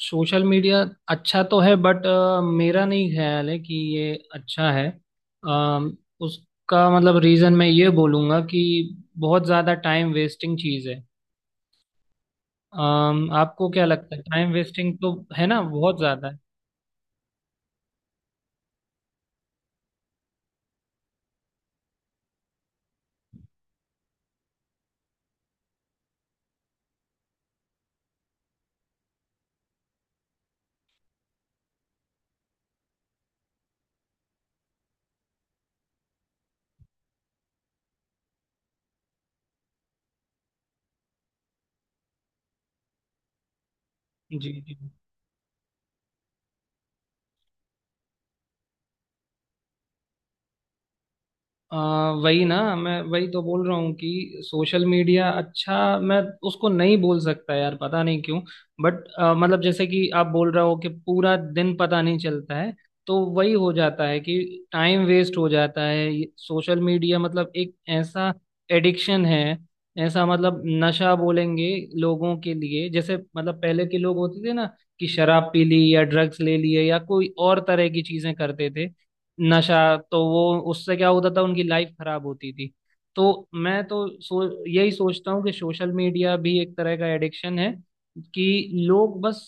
Social media अच्छा तो है बट मेरा नहीं ख्याल है कि ये अच्छा है। उसका मतलब रीज़न मैं ये बोलूँगा कि बहुत ज़्यादा टाइम वेस्टिंग चीज़ है। आपको क्या लगता है, टाइम वेस्टिंग तो है ना, बहुत ज़्यादा है। जी जी। वही ना, मैं वही तो बोल रहा हूँ कि सोशल मीडिया अच्छा मैं उसको नहीं बोल सकता यार, पता नहीं क्यों। बट मतलब जैसे कि आप बोल रहे हो कि पूरा दिन पता नहीं चलता है, तो वही हो जाता है कि टाइम वेस्ट हो जाता है। सोशल मीडिया मतलब एक ऐसा एडिक्शन है, ऐसा मतलब नशा बोलेंगे लोगों के लिए। जैसे मतलब पहले के लोग होते थे ना कि शराब पी ली या ड्रग्स ले लिए या कोई और तरह की चीजें करते थे, नशा। तो वो उससे क्या होता था, उनकी लाइफ खराब होती थी। तो मैं तो यही सोचता हूँ कि सोशल मीडिया भी एक तरह का एडिक्शन है कि लोग बस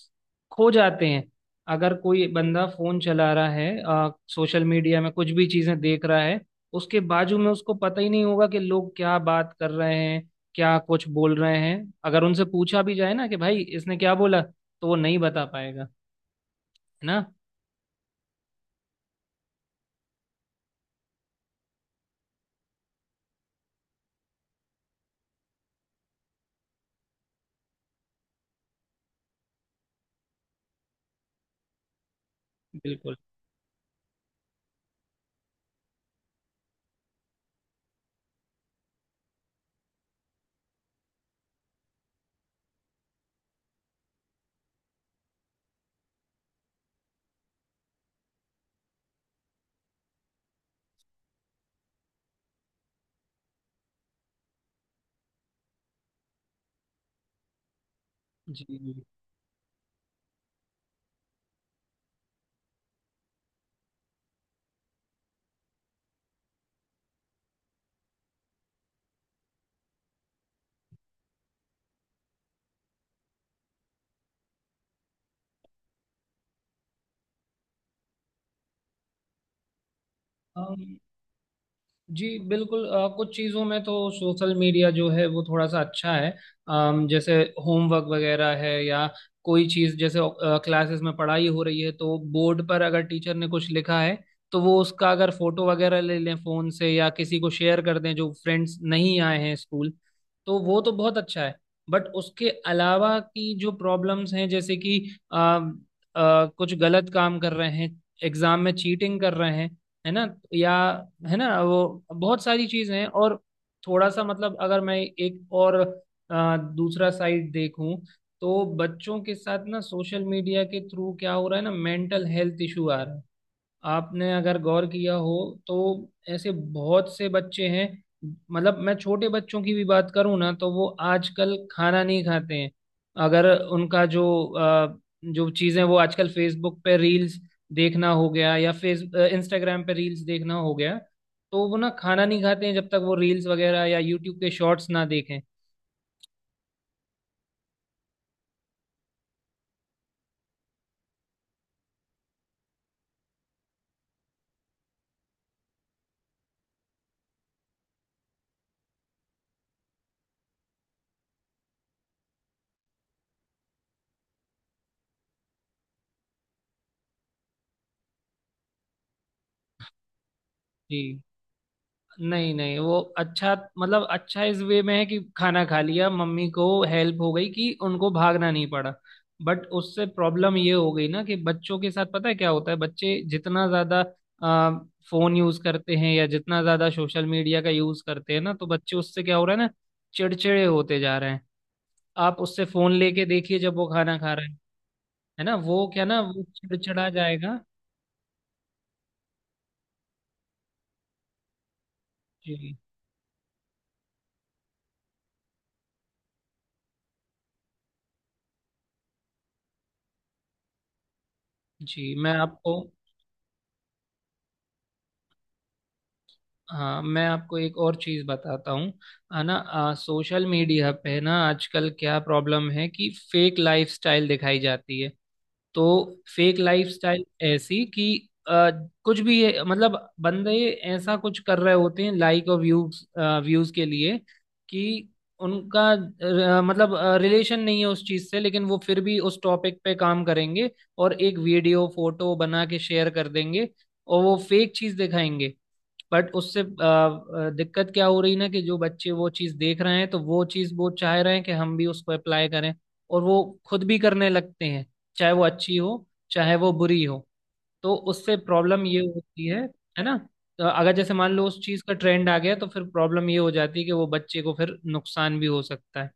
खो जाते हैं। अगर कोई बंदा फोन चला रहा है सोशल मीडिया में कुछ भी चीजें देख रहा है, उसके बाजू में उसको पता ही नहीं होगा कि लोग क्या बात कर रहे हैं, क्या कुछ बोल रहे हैं। अगर उनसे पूछा भी जाए ना कि भाई इसने क्या बोला, तो वो नहीं बता पाएगा, है ना। बिल्कुल। जी जी, बिल्कुल, कुछ चीज़ों में तो सोशल मीडिया जो है वो थोड़ा सा अच्छा है। जैसे होमवर्क वगैरह है, या कोई चीज़ जैसे क्लासेस में पढ़ाई हो रही है तो बोर्ड पर अगर टीचर ने कुछ लिखा है तो वो उसका अगर फोटो वगैरह ले लें फ़ोन से, या किसी को शेयर कर दें जो फ्रेंड्स नहीं आए हैं स्कूल, तो वो तो बहुत अच्छा है। बट उसके अलावा की जो प्रॉब्लम्स हैं, जैसे कि कुछ गलत काम कर रहे हैं, एग्ज़ाम में चीटिंग कर रहे हैं, है ना, या, है ना वो, बहुत सारी चीजें हैं। और थोड़ा सा मतलब, अगर मैं एक और दूसरा साइड देखूं, तो बच्चों के साथ ना सोशल मीडिया के थ्रू क्या हो रहा है ना, मेंटल हेल्थ इशू आ रहा है। आपने अगर गौर किया हो तो ऐसे बहुत से बच्चे हैं, मतलब मैं छोटे बच्चों की भी बात करूं ना तो वो आजकल खाना नहीं खाते हैं। अगर उनका जो अ, जो चीज़ें वो आजकल फेसबुक पे रील्स देखना हो गया या फेस इंस्टाग्राम पे रील्स देखना हो गया, तो वो ना खाना नहीं खाते हैं जब तक वो रील्स वगैरह या यूट्यूब के शॉर्ट्स ना देखें। जी। नहीं नहीं, वो अच्छा मतलब अच्छा इस वे में है कि खाना खा लिया, मम्मी को हेल्प हो गई कि उनको भागना नहीं पड़ा। बट उससे प्रॉब्लम ये हो गई ना कि बच्चों के साथ पता है क्या होता है, बच्चे जितना ज्यादा आ, फोन यूज करते हैं या जितना ज्यादा सोशल मीडिया का यूज करते हैं ना, तो बच्चे उससे क्या हो रहा है ना, चिड़चिड़े होते जा रहे हैं। आप उससे फोन लेके देखिए जब वो खाना खा रहे हैं, है ना, वो क्या ना, वो चिड़चिड़ा जाएगा। जी जी। मैं आपको हाँ, मैं आपको एक और चीज बताता हूँ, है ना। सोशल मीडिया पे ना आजकल क्या प्रॉब्लम है कि फेक लाइफस्टाइल दिखाई जाती है। तो फेक लाइफस्टाइल ऐसी कि आ, कुछ भी है, मतलब बंदे ऐसा कुछ कर रहे होते हैं लाइक और व्यूज व्यूज के लिए, कि उनका मतलब रिलेशन नहीं है उस चीज से, लेकिन वो फिर भी उस टॉपिक पे काम करेंगे, और एक वीडियो फोटो बना के शेयर कर देंगे, और वो फेक चीज दिखाएंगे। बट उससे दिक्कत क्या हो रही ना कि जो बच्चे वो चीज़ देख रहे हैं, तो वो चीज़ वो चाह रहे हैं कि हम भी उसको अप्लाई करें, और वो खुद भी करने लगते हैं, चाहे वो अच्छी हो चाहे वो बुरी हो, तो उससे प्रॉब्लम ये होती है ना। तो अगर जैसे मान लो उस चीज़ का ट्रेंड आ गया, तो फिर प्रॉब्लम ये हो जाती है कि वो बच्चे को फिर नुकसान भी हो सकता है।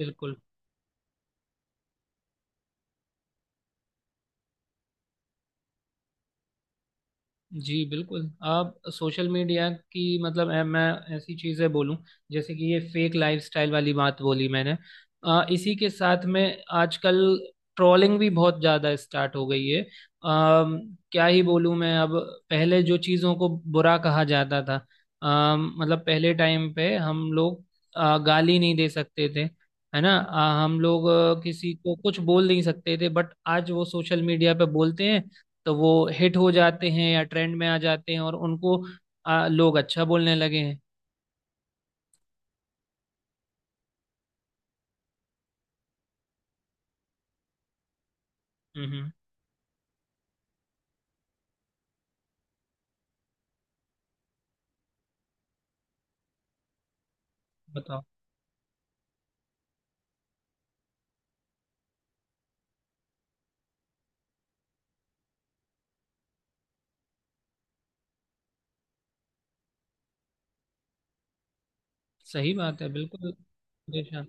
बिल्कुल। जी बिल्कुल। आप सोशल मीडिया की मतलब, मैं ऐसी चीज़ें बोलूं जैसे कि ये फेक लाइफस्टाइल वाली बात बोली मैंने, इसी के साथ में आजकल ट्रोलिंग भी बहुत ज़्यादा स्टार्ट हो गई है। क्या ही बोलूं मैं अब, पहले जो चीज़ों को बुरा कहा जाता था, मतलब पहले टाइम पे हम लोग गाली नहीं दे सकते थे, है ना, हम लोग किसी को कुछ बोल नहीं सकते थे, बट आज वो सोशल मीडिया पे बोलते हैं तो वो हिट हो जाते हैं या ट्रेंड में आ जाते हैं, और उनको लोग अच्छा बोलने लगे हैं। हम्म। बताओ। सही बात है। बिल्कुल। बेशक।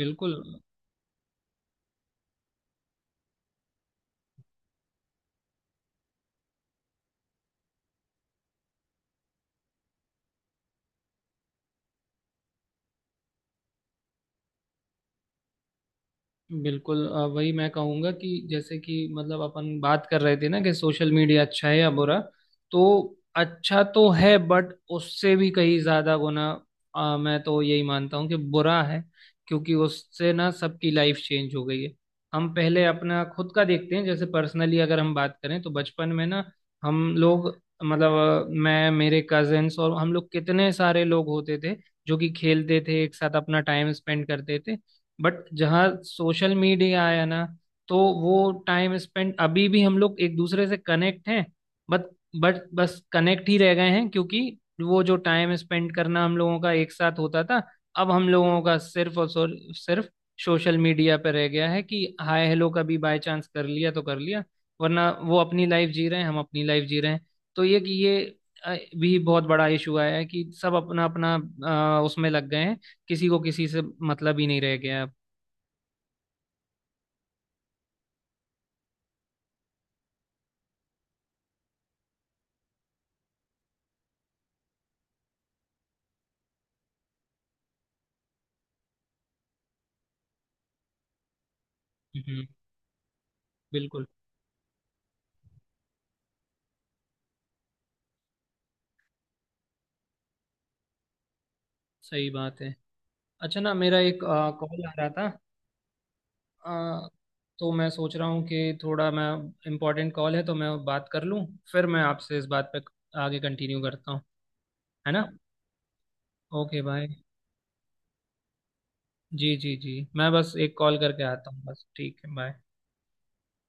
बिल्कुल। बिल्कुल वही मैं कहूंगा कि जैसे कि मतलब अपन बात कर रहे थे ना कि सोशल मीडिया अच्छा है या बुरा। तो अच्छा तो है, बट उससे भी कहीं ज्यादा गुना मैं तो यही मानता हूँ कि बुरा है। क्योंकि उससे ना सबकी लाइफ चेंज हो गई है। हम पहले अपना खुद का देखते हैं, जैसे पर्सनली अगर हम बात करें, तो बचपन में ना हम लोग, मतलब मैं, मेरे कजिन्स और हम लोग, कितने सारे लोग होते थे जो कि खेलते थे, एक साथ अपना टाइम स्पेंड करते थे। बट जहाँ सोशल मीडिया आया ना, तो वो टाइम स्पेंड, अभी भी हम लोग एक दूसरे से कनेक्ट हैं, बट बस कनेक्ट ही रह गए हैं। क्योंकि वो जो टाइम स्पेंड करना हम लोगों का एक साथ होता था, अब हम लोगों का सिर्फ और सिर्फ सोशल मीडिया पर रह गया है कि हाय हेलो कभी बाय चांस कर लिया तो कर लिया, वरना वो अपनी लाइफ जी रहे हैं, हम अपनी लाइफ जी रहे हैं। तो ये कि ये अ, भी बहुत बड़ा इशू आया है कि सब अपना अपना उसमें लग गए हैं, किसी को किसी से मतलब ही नहीं रह गया है अब। हम्म, बिल्कुल। सही बात है। अच्छा, ना मेरा एक कॉल आ रहा था, अ, तो मैं सोच रहा हूँ कि थोड़ा मैं, इम्पोर्टेंट कॉल है तो मैं बात कर लूँ, फिर मैं आपसे इस बात पे आगे कंटिन्यू करता हूँ, है ना। Okay bye. जी जी जी, मैं बस एक कॉल करके आता हूँ, बस, ठीक है, बाय।